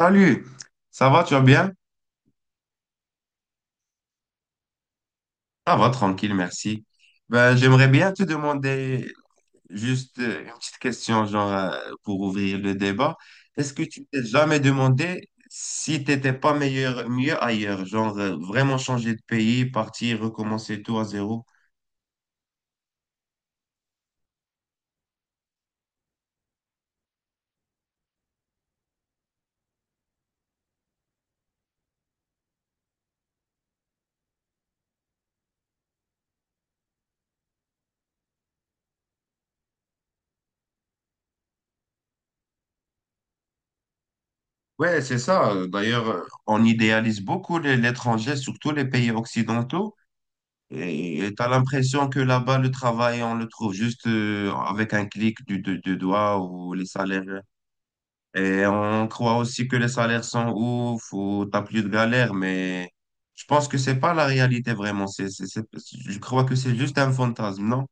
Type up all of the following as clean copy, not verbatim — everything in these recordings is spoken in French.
Salut, ça va, tu vas bien? Ça va, tranquille, merci. Ben, j'aimerais bien te demander juste une petite question, genre, pour ouvrir le débat. Est-ce que tu t'es jamais demandé si t'étais pas meilleur, mieux ailleurs, genre, vraiment changer de pays, partir, recommencer tout à zéro? Ouais, c'est ça. D'ailleurs, on idéalise beaucoup l'étranger, surtout les pays occidentaux. Et tu as l'impression que là-bas, le travail, on le trouve juste avec un clic du doigt ou les salaires. Et on croit aussi que les salaires sont ouf ou t'as plus de galère, mais je pense que c'est pas la réalité vraiment. Je crois que c'est juste un fantasme, non?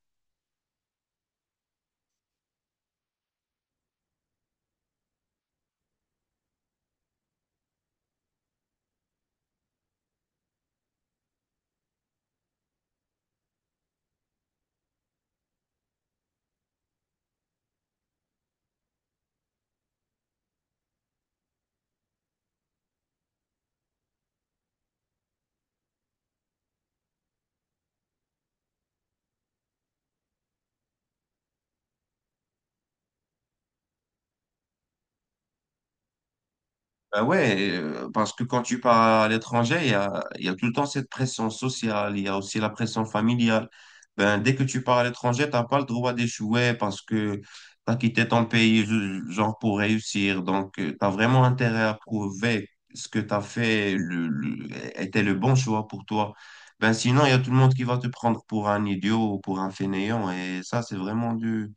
Bah ouais, parce que quand tu pars à l'étranger, il y a tout le temps cette pression sociale, il y a aussi la pression familiale. Ben, dès que tu pars à l'étranger, t'as pas le droit d'échouer parce que tu as quitté ton pays genre pour réussir. Donc, tu as vraiment intérêt à prouver ce que tu as fait était le bon choix pour toi. Ben, sinon, il y a tout le monde qui va te prendre pour un idiot ou pour un fainéant. Et ça, c'est vraiment du...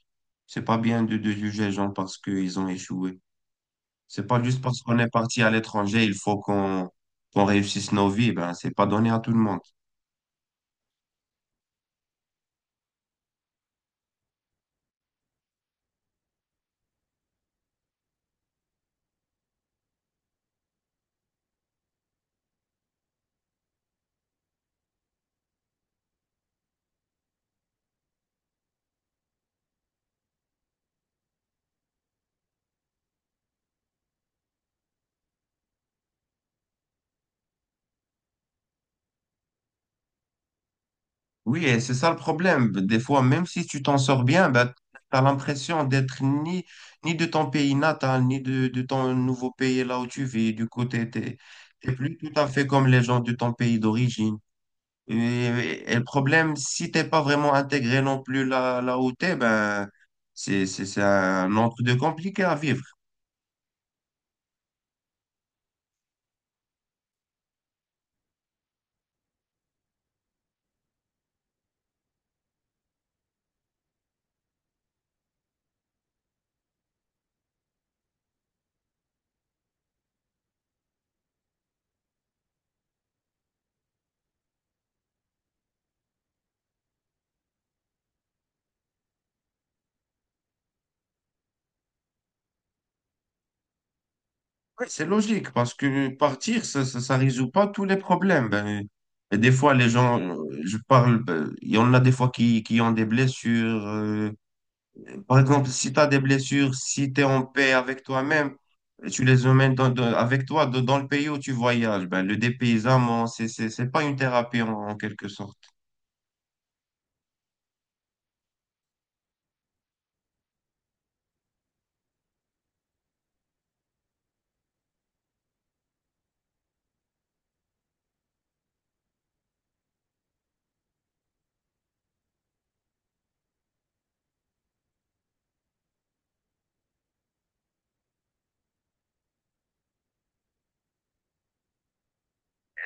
C'est pas bien de juger les gens parce qu'ils ont échoué. C'est pas juste parce qu'on est parti à l'étranger, il faut qu'on réussisse nos vies. Ben, c'est pas donné à tout le monde. Oui, et c'est ça le problème. Des fois, même si tu t'en sors bien, ben, tu as l'impression d'être ni, ni de ton pays natal, ni de, de ton nouveau pays là où tu vis. Du coup, t'es plus tout à fait comme les gens de ton pays d'origine. Et le problème, si t'es pas vraiment intégré non plus là, là où t'es, ben, c'est un autre de compliqué à vivre. Oui, c'est logique, parce que partir, ça résout pas tous les problèmes. Ben, et des fois, les gens, je parle, ben, il y en a des fois qui ont des blessures. Par exemple, si tu as des blessures, si tu es en paix avec toi-même, et tu les emmènes avec toi dans le pays où tu voyages. Ben, le dépaysement, c'est pas une thérapie en quelque sorte.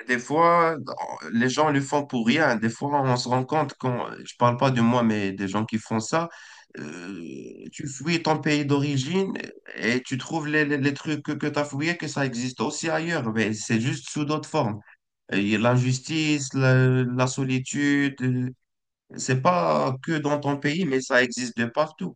Des fois, les gens le font pour rien. Des fois, on se rend compte quand, je parle pas de moi, mais des gens qui font ça, tu fouilles ton pays d'origine et tu trouves les trucs que, tu as fouillés, que ça existe aussi ailleurs, mais c'est juste sous d'autres formes. Et l'injustice, la solitude, c'est pas que dans ton pays, mais ça existe de partout.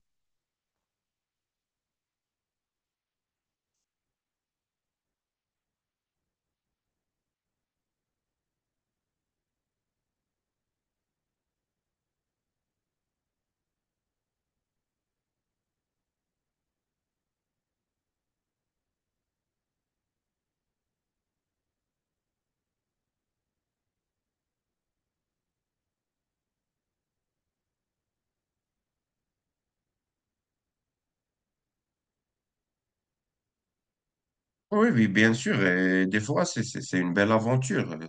Oui, oui, bien sûr. Et des fois, c'est une belle aventure.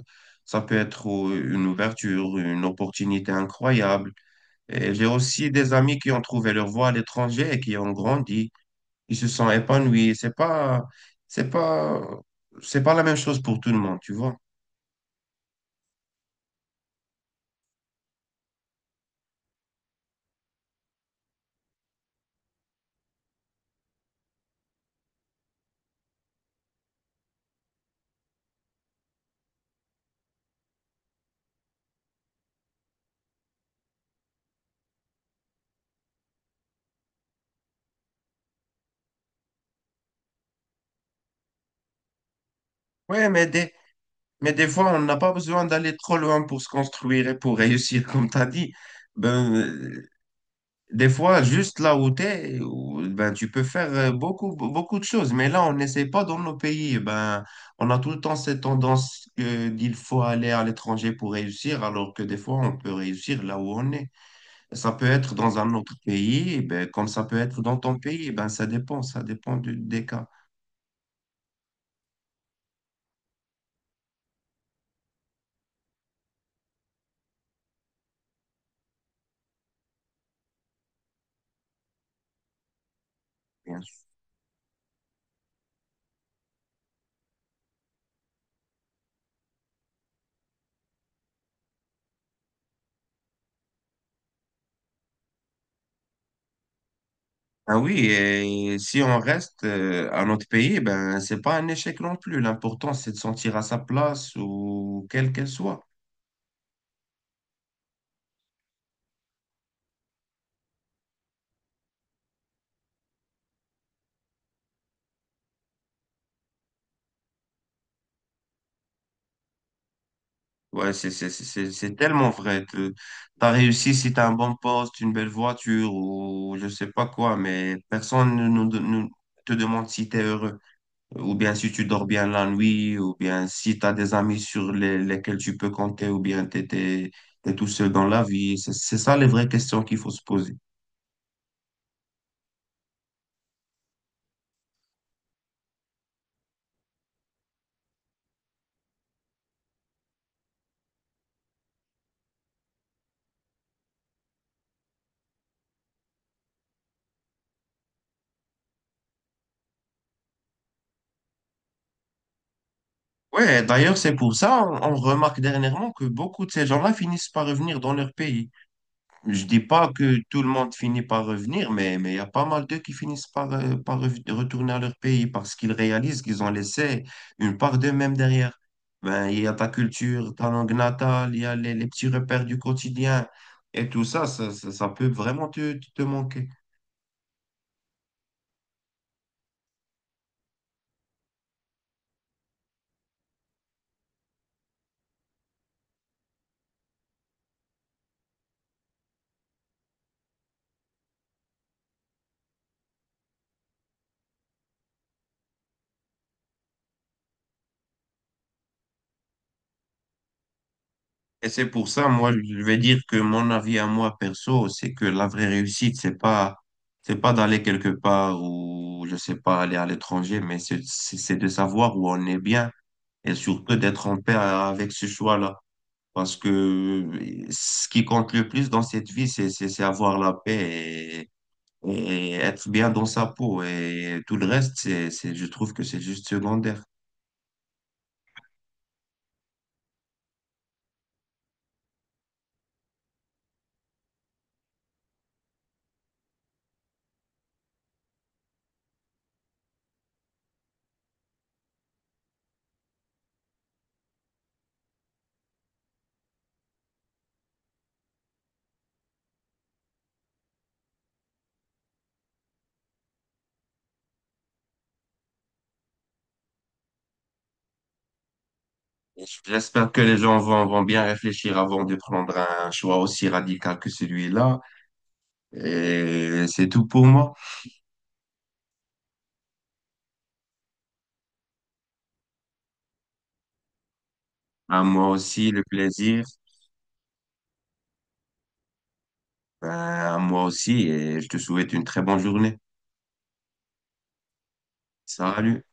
Ça peut être une ouverture, une opportunité incroyable. Et j'ai aussi des amis qui ont trouvé leur voie à l'étranger et qui ont grandi. Ils se sont épanouis. C'est pas, c'est pas la même chose pour tout le monde, tu vois. Ouais, mais des fois, on n'a pas besoin d'aller trop loin pour se construire et pour réussir, comme tu as dit. Ben, des fois, juste là où tu es, ben, tu peux faire beaucoup, beaucoup de choses. Mais là, on n'essaie pas dans nos pays. Ben, on a tout le temps cette tendance qu'il faut aller à l'étranger pour réussir, alors que des fois, on peut réussir là où on est. Ça peut être dans un autre pays, eh ben, comme ça peut être dans ton pays, eh ben, ça dépend des cas, bien sûr. Ah oui, et si on reste à notre pays, eh ben, c'est pas un échec non plus. L'important, c'est de sentir à sa place ou quelle qu'elle soit. Ouais, c'est tellement vrai. Tu as réussi si tu as un bon poste, une belle voiture ou je sais pas quoi, mais personne ne nous- nous te demande si tu es heureux. Ou bien si tu dors bien la nuit, ou bien si tu as des amis sur lesquels tu peux compter, ou bien tu es, tout seul dans la vie. C'est ça les vraies questions qu'il faut se poser. Ouais, d'ailleurs, c'est pour ça on remarque dernièrement que beaucoup de ces gens-là finissent par revenir dans leur pays. Je dis pas que tout le monde finit par revenir, mais il y a pas mal d'eux qui finissent par, retourner à leur pays parce qu'ils réalisent qu'ils ont laissé une part d'eux-mêmes derrière. Ben, il y a ta culture, ta langue natale, il y a les petits repères du quotidien et tout ça, ça peut vraiment te manquer. Et c'est pour ça, moi, je vais dire que mon avis à moi perso, c'est que la vraie réussite, c'est pas d'aller quelque part ou, je sais pas, aller à l'étranger, mais c'est de savoir où on est bien et surtout d'être en paix avec ce choix-là. Parce que ce qui compte le plus dans cette vie, c'est avoir la paix et être bien dans sa peau. Et tout le reste, je trouve que c'est juste secondaire. J'espère que les gens vont bien réfléchir avant de prendre un choix aussi radical que celui-là. Et c'est tout pour moi. À moi aussi, le plaisir. Ben, à moi aussi. Et je te souhaite une très bonne journée. Salut.